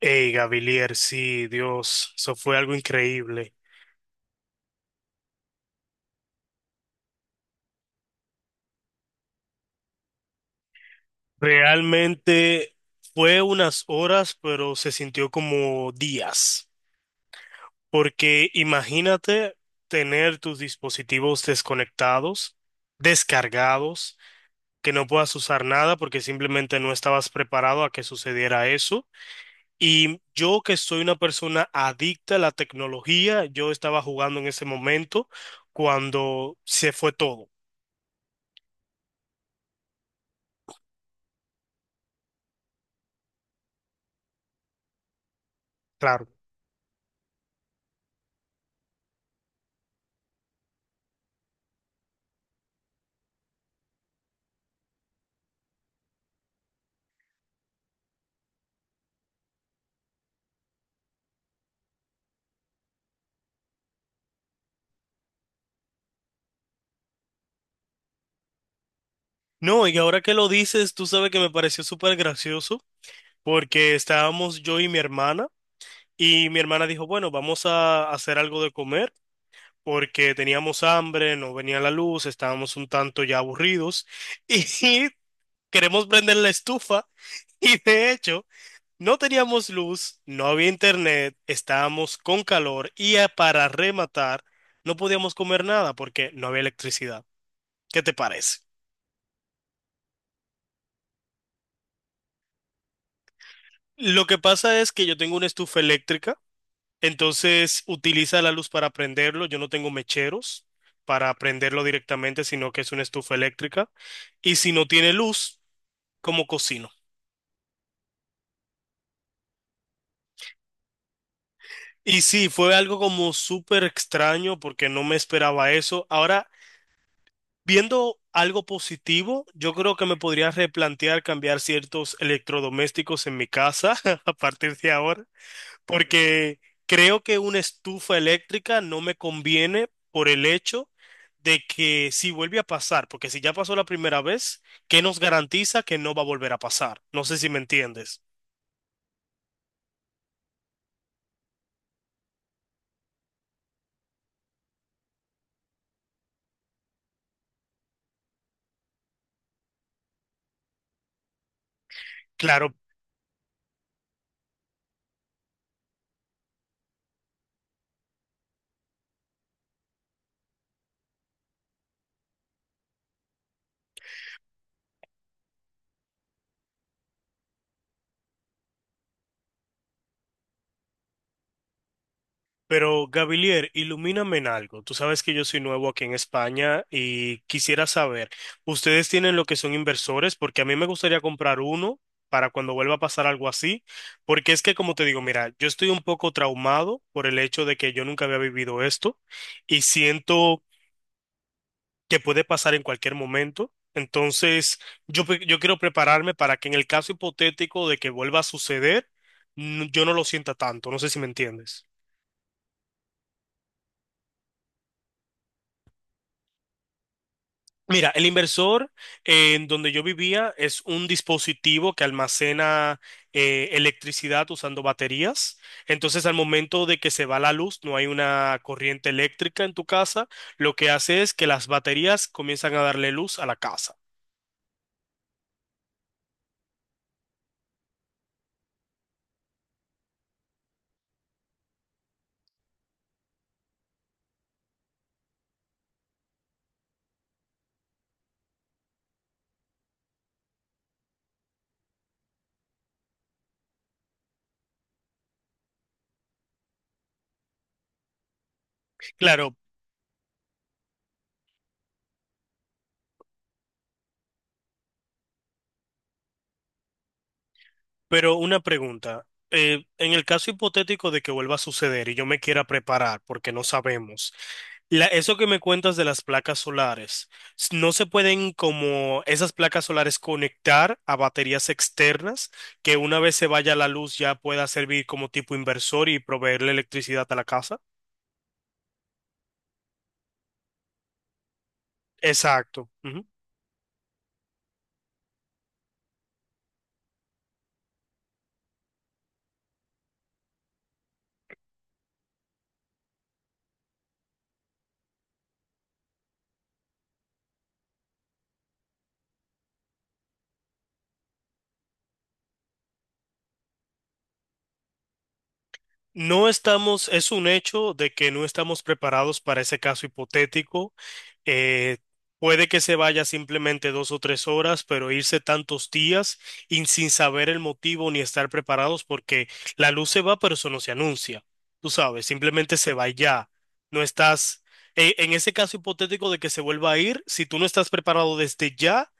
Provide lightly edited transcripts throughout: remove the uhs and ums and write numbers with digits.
Hey, Gavilier, sí, Dios, eso fue algo increíble. Realmente fue unas horas, pero se sintió como días. Porque imagínate tener tus dispositivos desconectados, descargados, que no puedas usar nada porque simplemente no estabas preparado a que sucediera eso. Y yo que soy una persona adicta a la tecnología, yo estaba jugando en ese momento cuando se fue todo. Claro. No, y ahora que lo dices, tú sabes que me pareció súper gracioso porque estábamos yo y mi hermana dijo, bueno, vamos a hacer algo de comer porque teníamos hambre, no venía la luz, estábamos un tanto ya aburridos y queremos prender la estufa y de hecho no teníamos luz, no había internet, estábamos con calor y, para rematar no podíamos comer nada porque no había electricidad. ¿Qué te parece? Lo que pasa es que yo tengo una estufa eléctrica. Entonces utiliza la luz para prenderlo. Yo no tengo mecheros para prenderlo directamente, sino que es una estufa eléctrica. Y si no tiene luz, ¿cómo cocino? Y sí, fue algo como súper extraño porque no me esperaba eso. Ahora, viendo algo positivo, yo creo que me podría replantear cambiar ciertos electrodomésticos en mi casa a partir de ahora. Porque creo que una estufa eléctrica no me conviene por el hecho de que si vuelve a pasar, porque si ya pasó la primera vez, ¿qué nos garantiza que no va a volver a pasar? No sé si me entiendes. Claro. Pero Gabilier, ilumíname en algo. Tú sabes que yo soy nuevo aquí en España y quisiera saber, ¿ustedes tienen lo que son inversores? Porque a mí me gustaría comprar uno para cuando vuelva a pasar algo así. Porque es que, como te digo, mira, yo estoy un poco traumado por el hecho de que yo nunca había vivido esto y siento que puede pasar en cualquier momento. Entonces, yo, yo quiero prepararme para que en el caso hipotético de que vuelva a suceder, yo no lo sienta tanto. No sé si me entiendes. Mira, el inversor, en donde yo vivía es un dispositivo que almacena, electricidad usando baterías. Entonces, al momento de que se va la luz, no hay una corriente eléctrica en tu casa, lo que hace es que las baterías comienzan a darle luz a la casa. Claro. Pero una pregunta, en el caso hipotético de que vuelva a suceder y yo me quiera preparar, porque no sabemos, eso que me cuentas de las placas solares, ¿no se pueden como esas placas solares conectar a baterías externas que una vez se vaya la luz ya pueda servir como tipo inversor y proveerle electricidad a la casa? Exacto. No estamos, es un hecho de que no estamos preparados para ese caso hipotético. Eh, puede que se vaya simplemente 2 o 3 horas, pero irse tantos días y sin saber el motivo ni estar preparados porque la luz se va, pero eso no se anuncia. Tú sabes, simplemente se va y ya. No estás, en ese caso hipotético de que se vuelva a ir, si tú no estás preparado desde ya,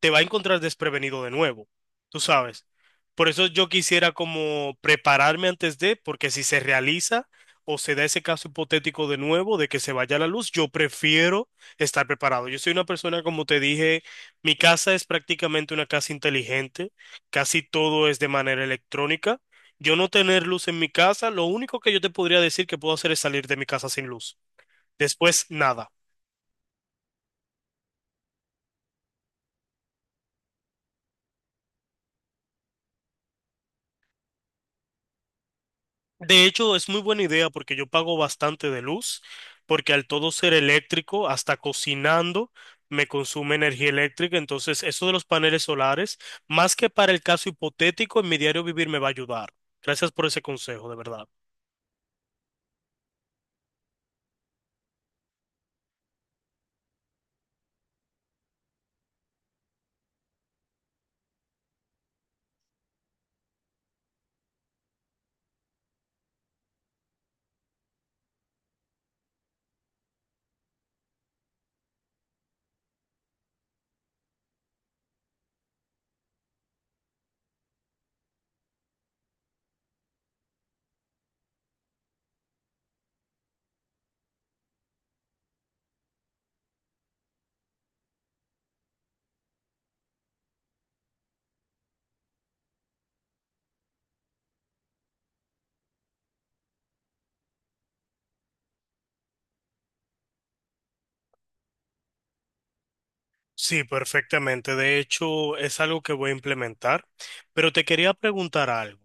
te va a encontrar desprevenido de nuevo, tú sabes. Por eso yo quisiera como prepararme antes de, porque si se realiza o se da ese caso hipotético de nuevo de que se vaya la luz, yo prefiero estar preparado. Yo soy una persona, como te dije, mi casa es prácticamente una casa inteligente, casi todo es de manera electrónica. Yo no tener luz en mi casa, lo único que yo te podría decir que puedo hacer es salir de mi casa sin luz. Después, nada. De hecho, es muy buena idea porque yo pago bastante de luz, porque al todo ser eléctrico, hasta cocinando, me consume energía eléctrica. Entonces, eso de los paneles solares, más que para el caso hipotético, en mi diario vivir me va a ayudar. Gracias por ese consejo, de verdad. Sí, perfectamente. De hecho, es algo que voy a implementar. Pero te quería preguntar algo.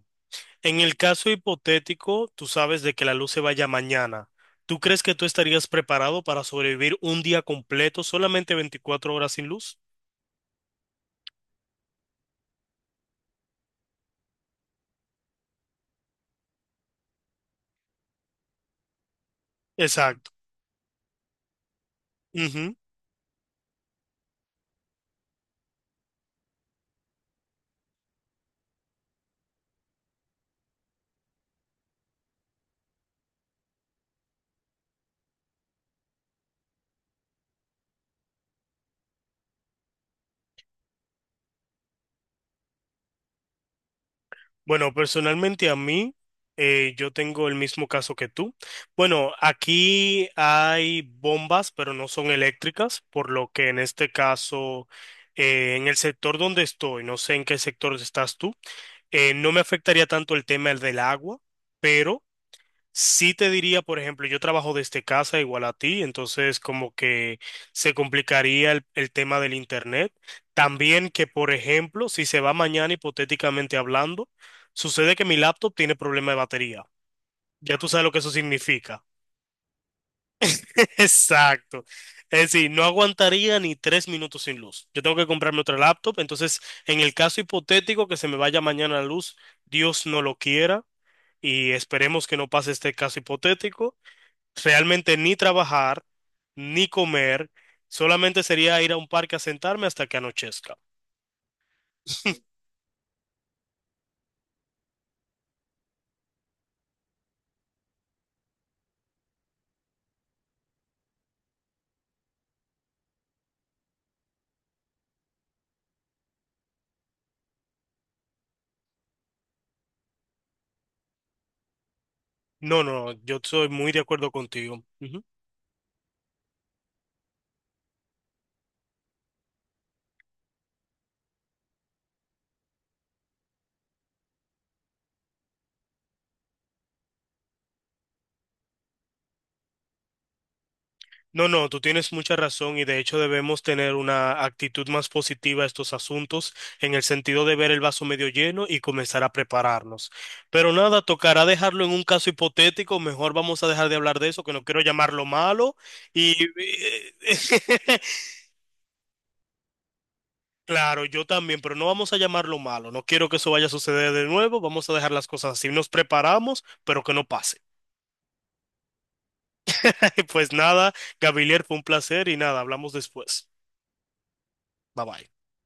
En el caso hipotético, tú sabes, de que la luz se vaya mañana. ¿Tú crees que tú estarías preparado para sobrevivir un día completo, solamente 24 horas sin luz? Exacto. Ujú. Bueno, personalmente a mí, yo tengo el mismo caso que tú. Bueno, aquí hay bombas, pero no son eléctricas, por lo que en este caso, en el sector donde estoy, no sé en qué sector estás tú, no me afectaría tanto el tema del agua, pero... Sí te diría, por ejemplo, yo trabajo desde casa igual a ti, entonces como que se complicaría el tema del internet. También que, por ejemplo, si se va mañana hipotéticamente hablando, sucede que mi laptop tiene problema de batería. Ya tú sabes lo que eso significa. Exacto. Es decir, no aguantaría ni 3 minutos sin luz. Yo tengo que comprarme otra laptop, entonces en el caso hipotético que se me vaya mañana la luz, Dios no lo quiera. Y esperemos que no pase este caso hipotético. Realmente ni trabajar, ni comer, solamente sería ir a un parque a sentarme hasta que anochezca. No, no, yo estoy muy de acuerdo contigo. Ujú. No, no, tú tienes mucha razón y de hecho debemos tener una actitud más positiva a estos asuntos en el sentido de ver el vaso medio lleno y comenzar a prepararnos. Pero nada, tocará dejarlo en un caso hipotético, mejor vamos a dejar de hablar de eso, que no quiero llamarlo malo y claro, yo también, pero no vamos a llamarlo malo. No quiero que eso vaya a suceder de nuevo. Vamos a dejar las cosas así. Nos preparamos, pero que no pase. Pues nada, Gavilier, fue un placer y nada, hablamos después. Bye bye.